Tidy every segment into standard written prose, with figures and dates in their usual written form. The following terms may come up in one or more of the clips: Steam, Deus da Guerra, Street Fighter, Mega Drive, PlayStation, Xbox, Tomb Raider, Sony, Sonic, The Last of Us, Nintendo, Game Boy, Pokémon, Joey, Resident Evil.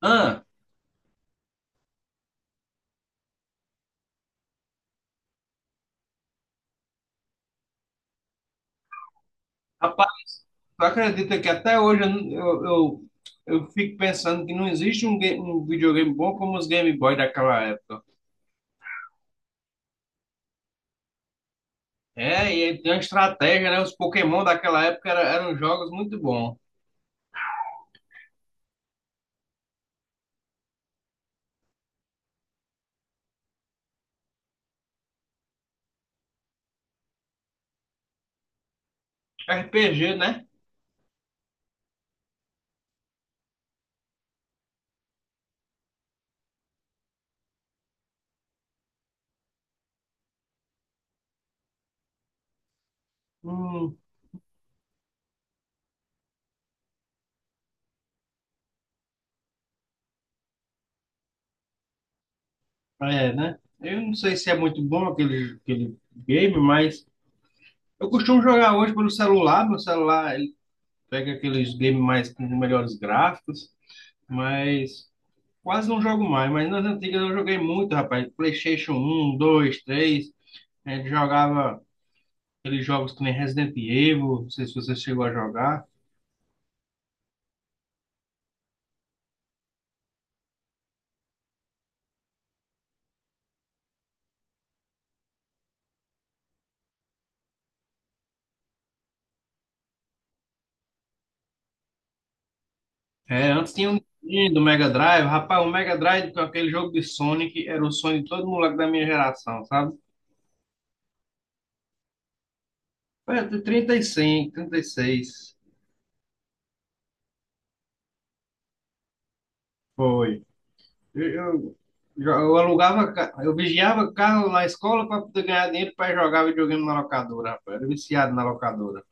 Ah, rapaz, tu acredita que até hoje eu, não- eu fico pensando que não existe um videogame bom como os Game Boy daquela época. É, e aí tem uma estratégia, né? Os Pokémon daquela época eram jogos muito bons. RPG, né? Hum, é, né? Eu não sei se é muito bom aquele game, mas eu costumo jogar hoje pelo celular. Meu celular, ele pega aqueles games mais com melhores gráficos, mas. Quase não jogo mais, mas nas antigas eu joguei muito, rapaz. PlayStation um 2 três. A gente jogava aqueles jogos que nem Resident Evil. Não sei se você chegou a jogar. É, antes tinha o Nintendo, o Mega Drive. Rapaz, o Mega Drive, com aquele jogo de Sonic, era o sonho de todo moleque da minha geração, sabe? Foi até 35, 36. Foi. Eu, eu, eu eu vigiava carro na escola para poder ganhar dinheiro para jogar videogame na locadora, rapaz. Era viciado na locadora.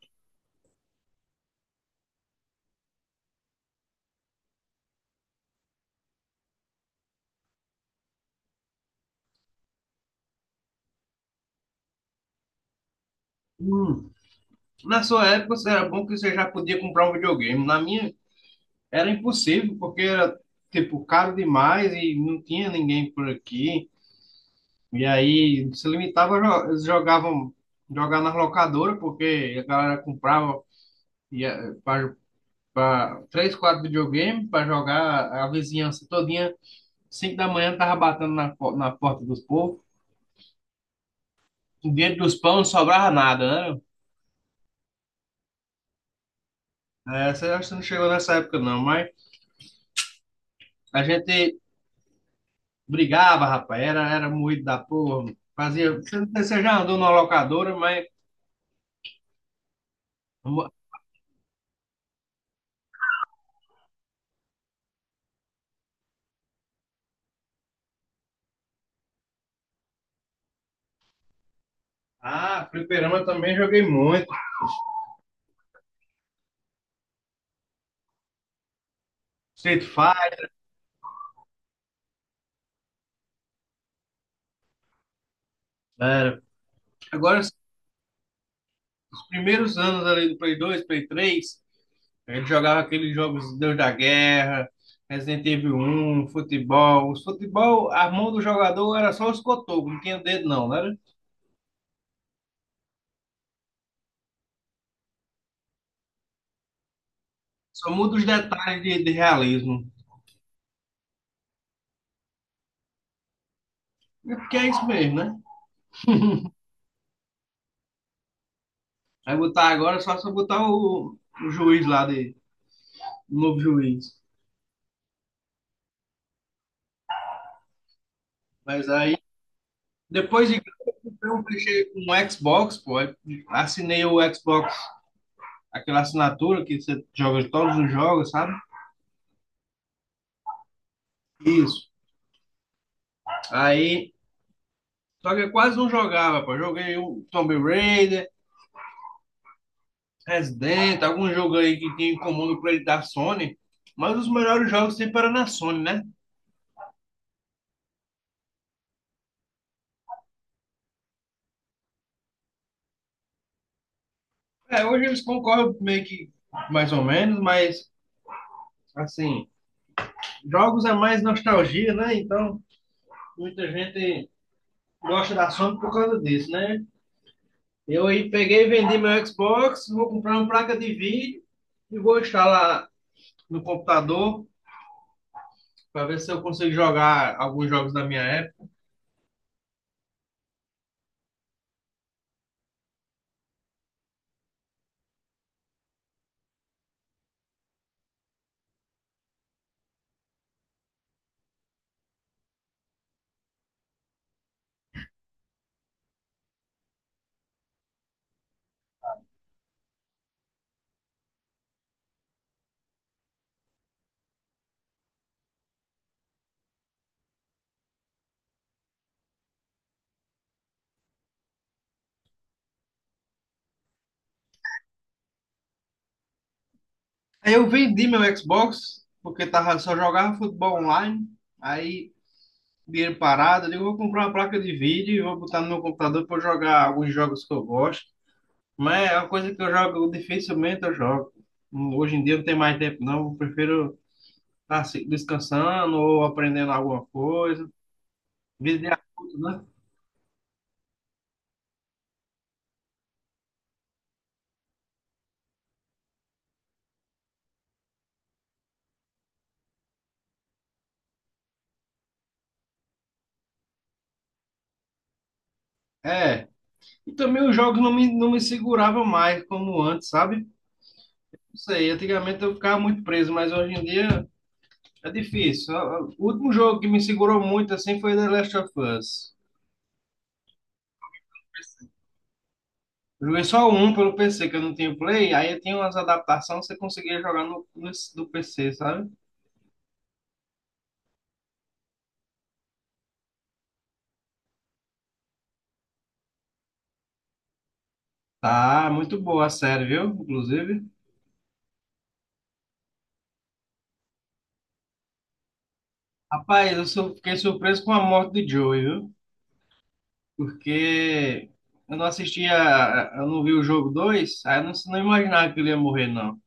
Hum. Na sua época, você era bom que você já podia comprar um videogame. Na minha, era impossível, porque era, tipo, caro demais e não tinha ninguém por aqui. E aí, se limitava, eles jogavam, jogar nas locadoras, porque a galera comprava ia, pra, três, quatro videogames para jogar a vizinhança todinha. Cinco da manhã, tava batendo na porta dos povos. Dentro dos pão não sobrava nada, né? É, você acha que não chegou nessa época, não, mas a gente brigava, rapaz, era moído da porra. Fazia. Você já andou numa locadora, mas. Ah, fliperama também joguei muito. Street Fighter, era. Agora, os primeiros anos ali do Play 2, Play 3, a gente jogava aqueles jogos Deus da Guerra, Resident Evil, um futebol. Os futebol, a mão do jogador era só os cotocos, não tinha dedo não, né? Só muda os detalhes de realismo. É porque é isso mesmo, né? Vai botar agora só se eu botar o juiz lá de, no juiz. Mas aí, depois de grande, eu comprei um clichê com um Xbox, pô. Aí assinei o Xbox, aquela assinatura que você joga todos os jogos, sabe? Isso. Aí, só que eu quase não jogava, pô. Joguei o Tomb Raider, Resident, algum jogo aí que tinha em comum no play da Sony. Mas os melhores jogos sempre eram na Sony, né? É, hoje eles concorrem meio que mais ou menos, mas assim, jogos é mais nostalgia, né? Então, muita gente gosta da Sony por causa disso, né? Eu aí peguei e vendi meu Xbox, vou comprar uma placa de vídeo e vou instalar no computador para ver se eu consigo jogar alguns jogos da minha época. Aí eu vendi meu Xbox, porque tava, só jogava futebol online. Aí, dinheiro parado, eu digo, vou comprar uma placa de vídeo e vou botar no meu computador para jogar alguns jogos que eu gosto. Mas é uma coisa que eu jogo, dificilmente eu jogo. Hoje em dia não tem mais tempo, não. Eu prefiro tá se descansando ou aprendendo alguma coisa. Vida adulto, né? É. E também os jogos não me, não me seguravam mais como antes, sabe? Não sei, antigamente eu ficava muito preso, mas hoje em dia é difícil. O último jogo que me segurou muito assim foi The Last of Us. Eu joguei só um pelo PC, que eu não tinha Play, aí tinha umas adaptações que você conseguia jogar no, no, do PC, sabe? Tá, muito boa a série, viu? Inclusive. Rapaz, fiquei surpreso com a morte de Joey, viu? Porque eu não assistia, eu não vi o jogo 2. Aí eu não, não imaginava que ele ia morrer, não.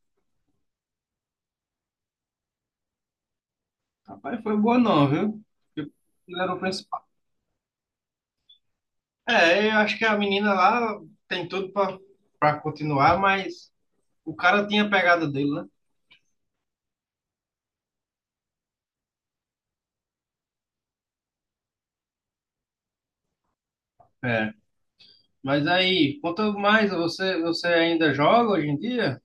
Rapaz, foi boa não, viu? Porque ele era o principal. É, eu acho que a menina lá tem tudo pra continuar, mas o cara tinha a pegada dele, né? É. Mas aí, quanto mais, você ainda joga hoje em dia?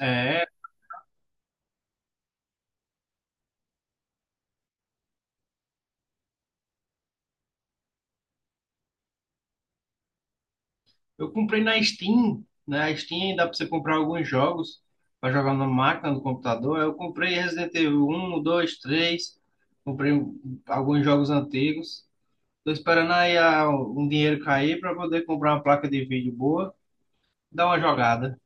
É, eu comprei na Steam, né? A Steam dá pra você comprar alguns jogos pra jogar na máquina, no computador. Eu comprei Resident Evil um, 2, 3. Comprei um, alguns jogos antigos. Tô esperando aí ah, um dinheiro cair pra poder comprar uma placa de vídeo boa, dar uma jogada.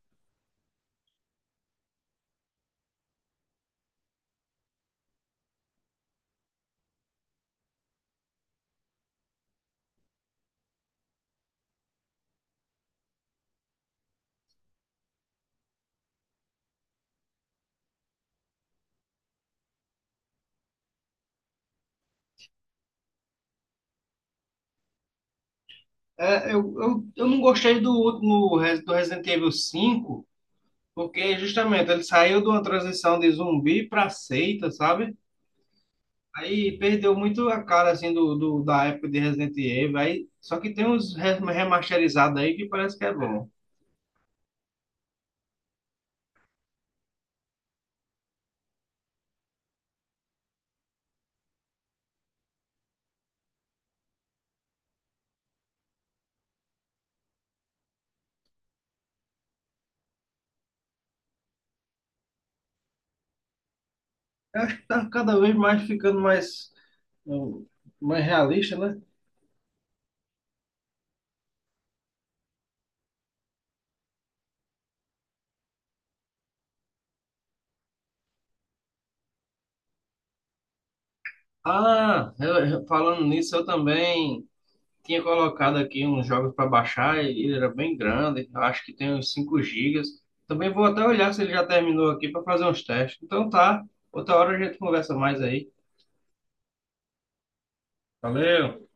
É, eu não gostei do último do Resident Evil 5, porque justamente ele saiu de uma transição de zumbi pra seita, sabe? Aí perdeu muito a cara assim da época de Resident Evil. Aí, só que tem uns remasterizados aí que parece que é bom. Eu acho que tá cada vez mais ficando mais, um, mais realista, né? Ah, falando nisso, eu também tinha colocado aqui uns jogos para baixar e ele era bem grande. Eu acho que tem uns 5 gigas. Também vou até olhar se ele já terminou aqui para fazer uns testes. Então tá, outra hora a gente conversa mais aí. Valeu!